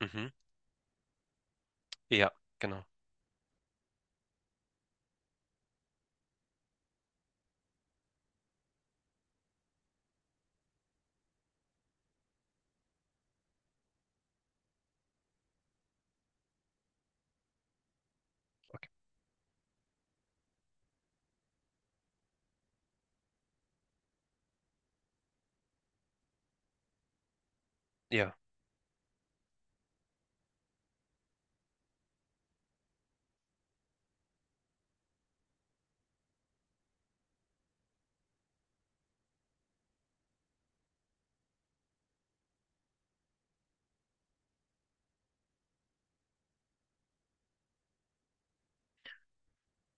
Mhm. Ja, genau. Ja.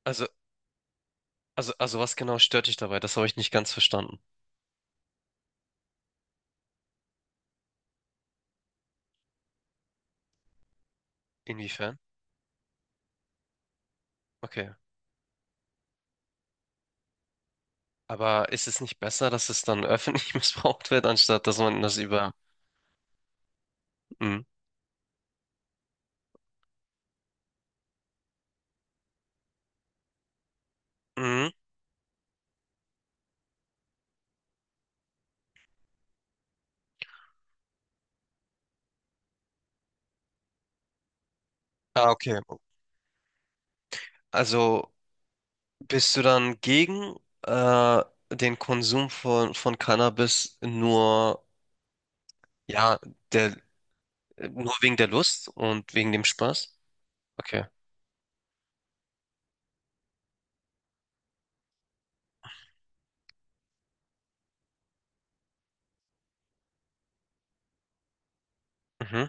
Also, also, was genau stört dich dabei? Das habe ich nicht ganz verstanden. Inwiefern? Okay. Aber ist es nicht besser, dass es dann öffentlich missbraucht wird, anstatt dass man das über... Mhm. Mhm. Ah, okay. Also bist du dann gegen äh, den Konsum von Cannabis nur, ja, der, nur wegen der Lust und wegen dem Spaß? Okay. Mhm.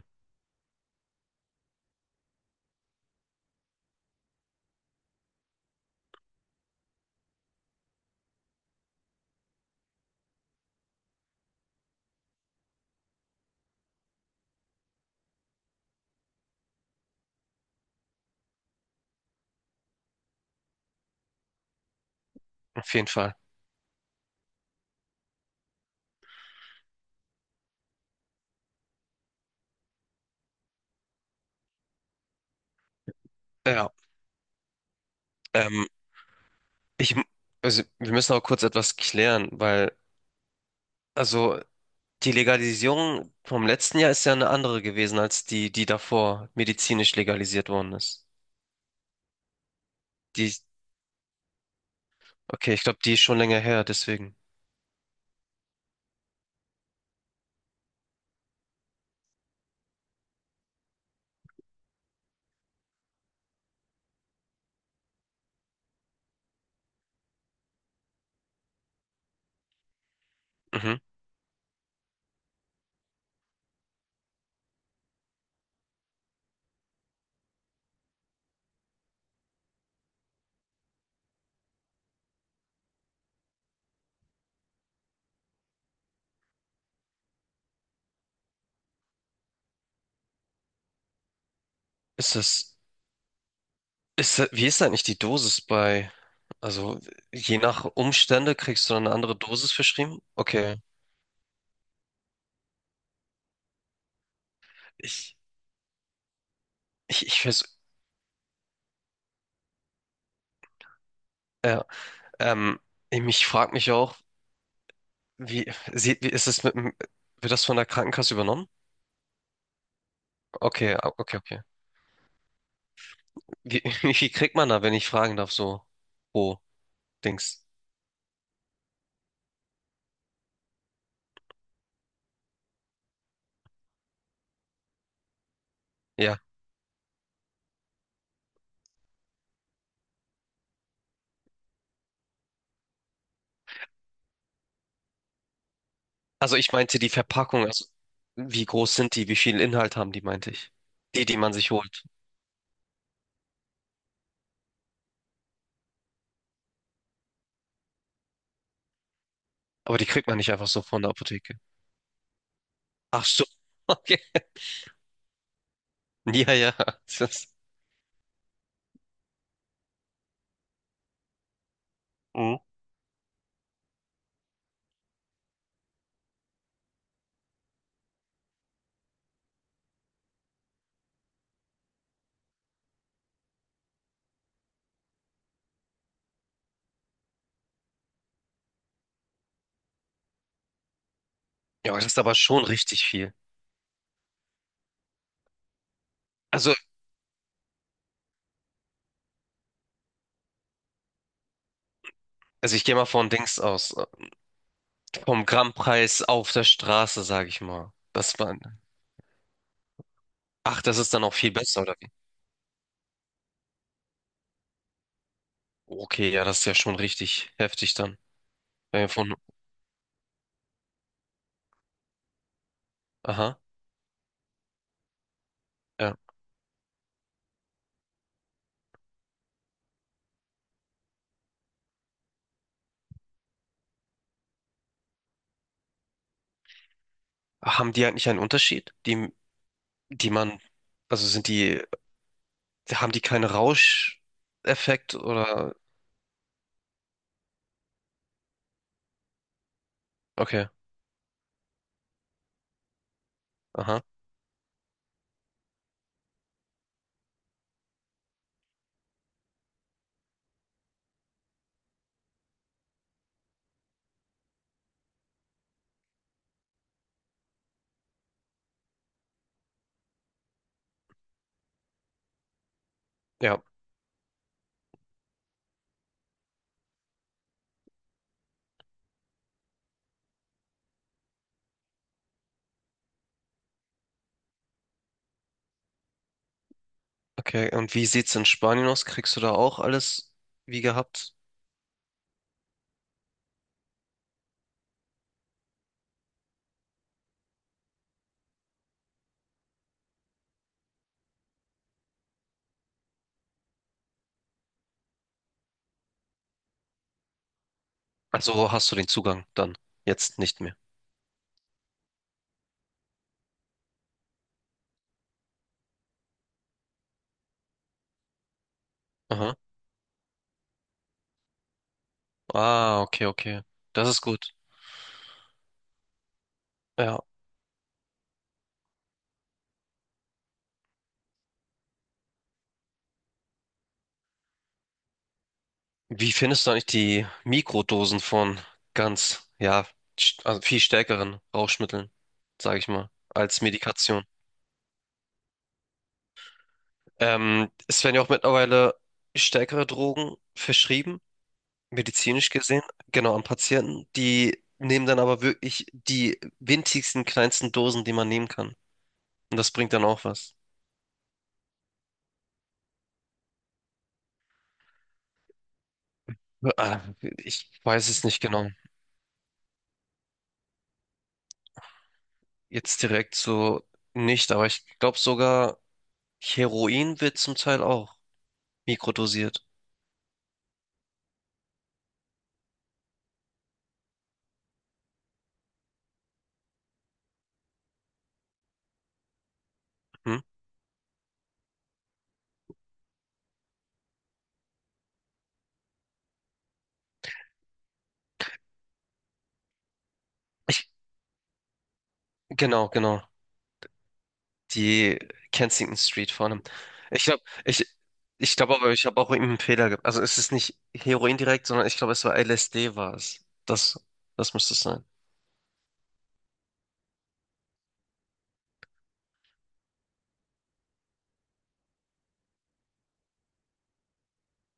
Auf jeden Fall. Ja. Ähm, ich, m- also wir müssen auch kurz etwas klären, weil. Also, die Legalisierung vom letzten Jahr ist ja eine andere gewesen als die, die davor medizinisch legalisiert worden ist. Die, okay, ich glaube, die ist schon länger her, deswegen. Mhm. Ist das, ist das, wie ist eigentlich die Dosis bei, also je nach Umstände kriegst du dann eine andere Dosis verschrieben? Okay. Ich, ich weiß, ja, ähm, ich frage mich auch, wie, wie ist es mit, dem-, wird das von der Krankenkasse übernommen? Okay, ah, okay, okay. Wie, wie viel kriegt man da, wenn ich fragen darf, so pro? Dings. Ja. Also ich meinte die Verpackung, also wie groß sind die, wie viel Inhalt haben die, meinte ich. Die, die man sich holt. Aber die kriegt man nicht einfach so von der Apotheke. Ach so. Okay. Ja, ja. Das, mhm, ja, aber das ist aber schon richtig viel. Also, also ich gehe mal von Dings aus. Vom Grammpreis auf der Straße, sage ich mal. Das war. Ach, das ist dann auch viel besser, oder wie? Okay, ja, das ist ja schon richtig heftig dann. Wenn wir von. Aha. Ja. Haben die eigentlich einen Unterschied? Die, die man. Also sind die, haben die keinen Rauscheffekt oder? Okay, aha, ja, okay. Und wie sieht's in Spanien aus? Kriegst du da auch alles wie gehabt? Also hast du den Zugang dann, jetzt nicht mehr. Aha. Ah, okay, okay. Das ist gut. Ja. Wie findest du eigentlich die Mikrodosen von ganz, ja, also viel stärkeren Rauschmitteln, sage ich mal, als Medikation? Es werden ja auch mittlerweile stärkere Drogen verschrieben, medizinisch gesehen, genau, an Patienten. Die nehmen dann aber wirklich die winzigsten, kleinsten Dosen, die man nehmen kann. Und das bringt dann auch was. Ah, ich weiß es nicht genau. Jetzt direkt so nicht, aber ich glaube sogar Heroin wird zum Teil auch mikrodosiert. Hm? Ich, genau, genau. Die Kensington Street vor allem. Ich glaube, ich, ich glaube aber, ich habe auch irgendeinen Fehler gemacht. Also es ist nicht Heroin direkt, sondern ich glaube, es war LSD war es. Das, das müsste es sein.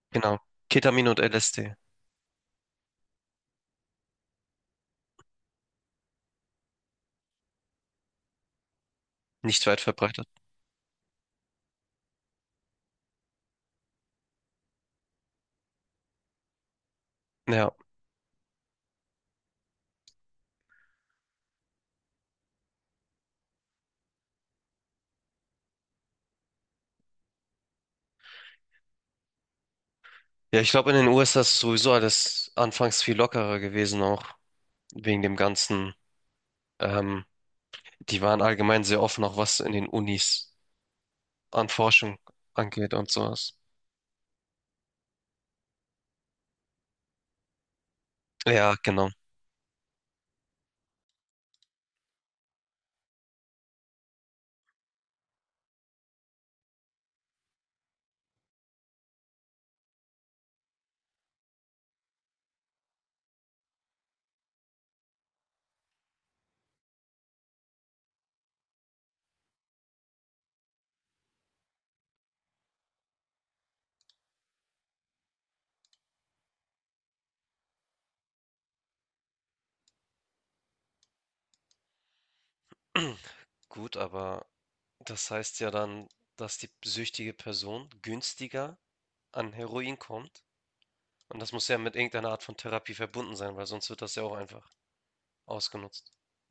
Genau. Ketamin und LSD. Nicht weit verbreitet. Ja. Ja, ich glaube, in den USA ist sowieso alles anfangs viel lockerer gewesen, auch wegen dem Ganzen. Ähm, die waren allgemein sehr offen, auch was in den Unis an Forschung angeht und sowas. Ja, genau. Gut, aber das heißt ja dann, dass die süchtige Person günstiger an Heroin kommt. Und das muss ja mit irgendeiner Art von Therapie verbunden sein, weil sonst wird das ja auch einfach ausgenutzt.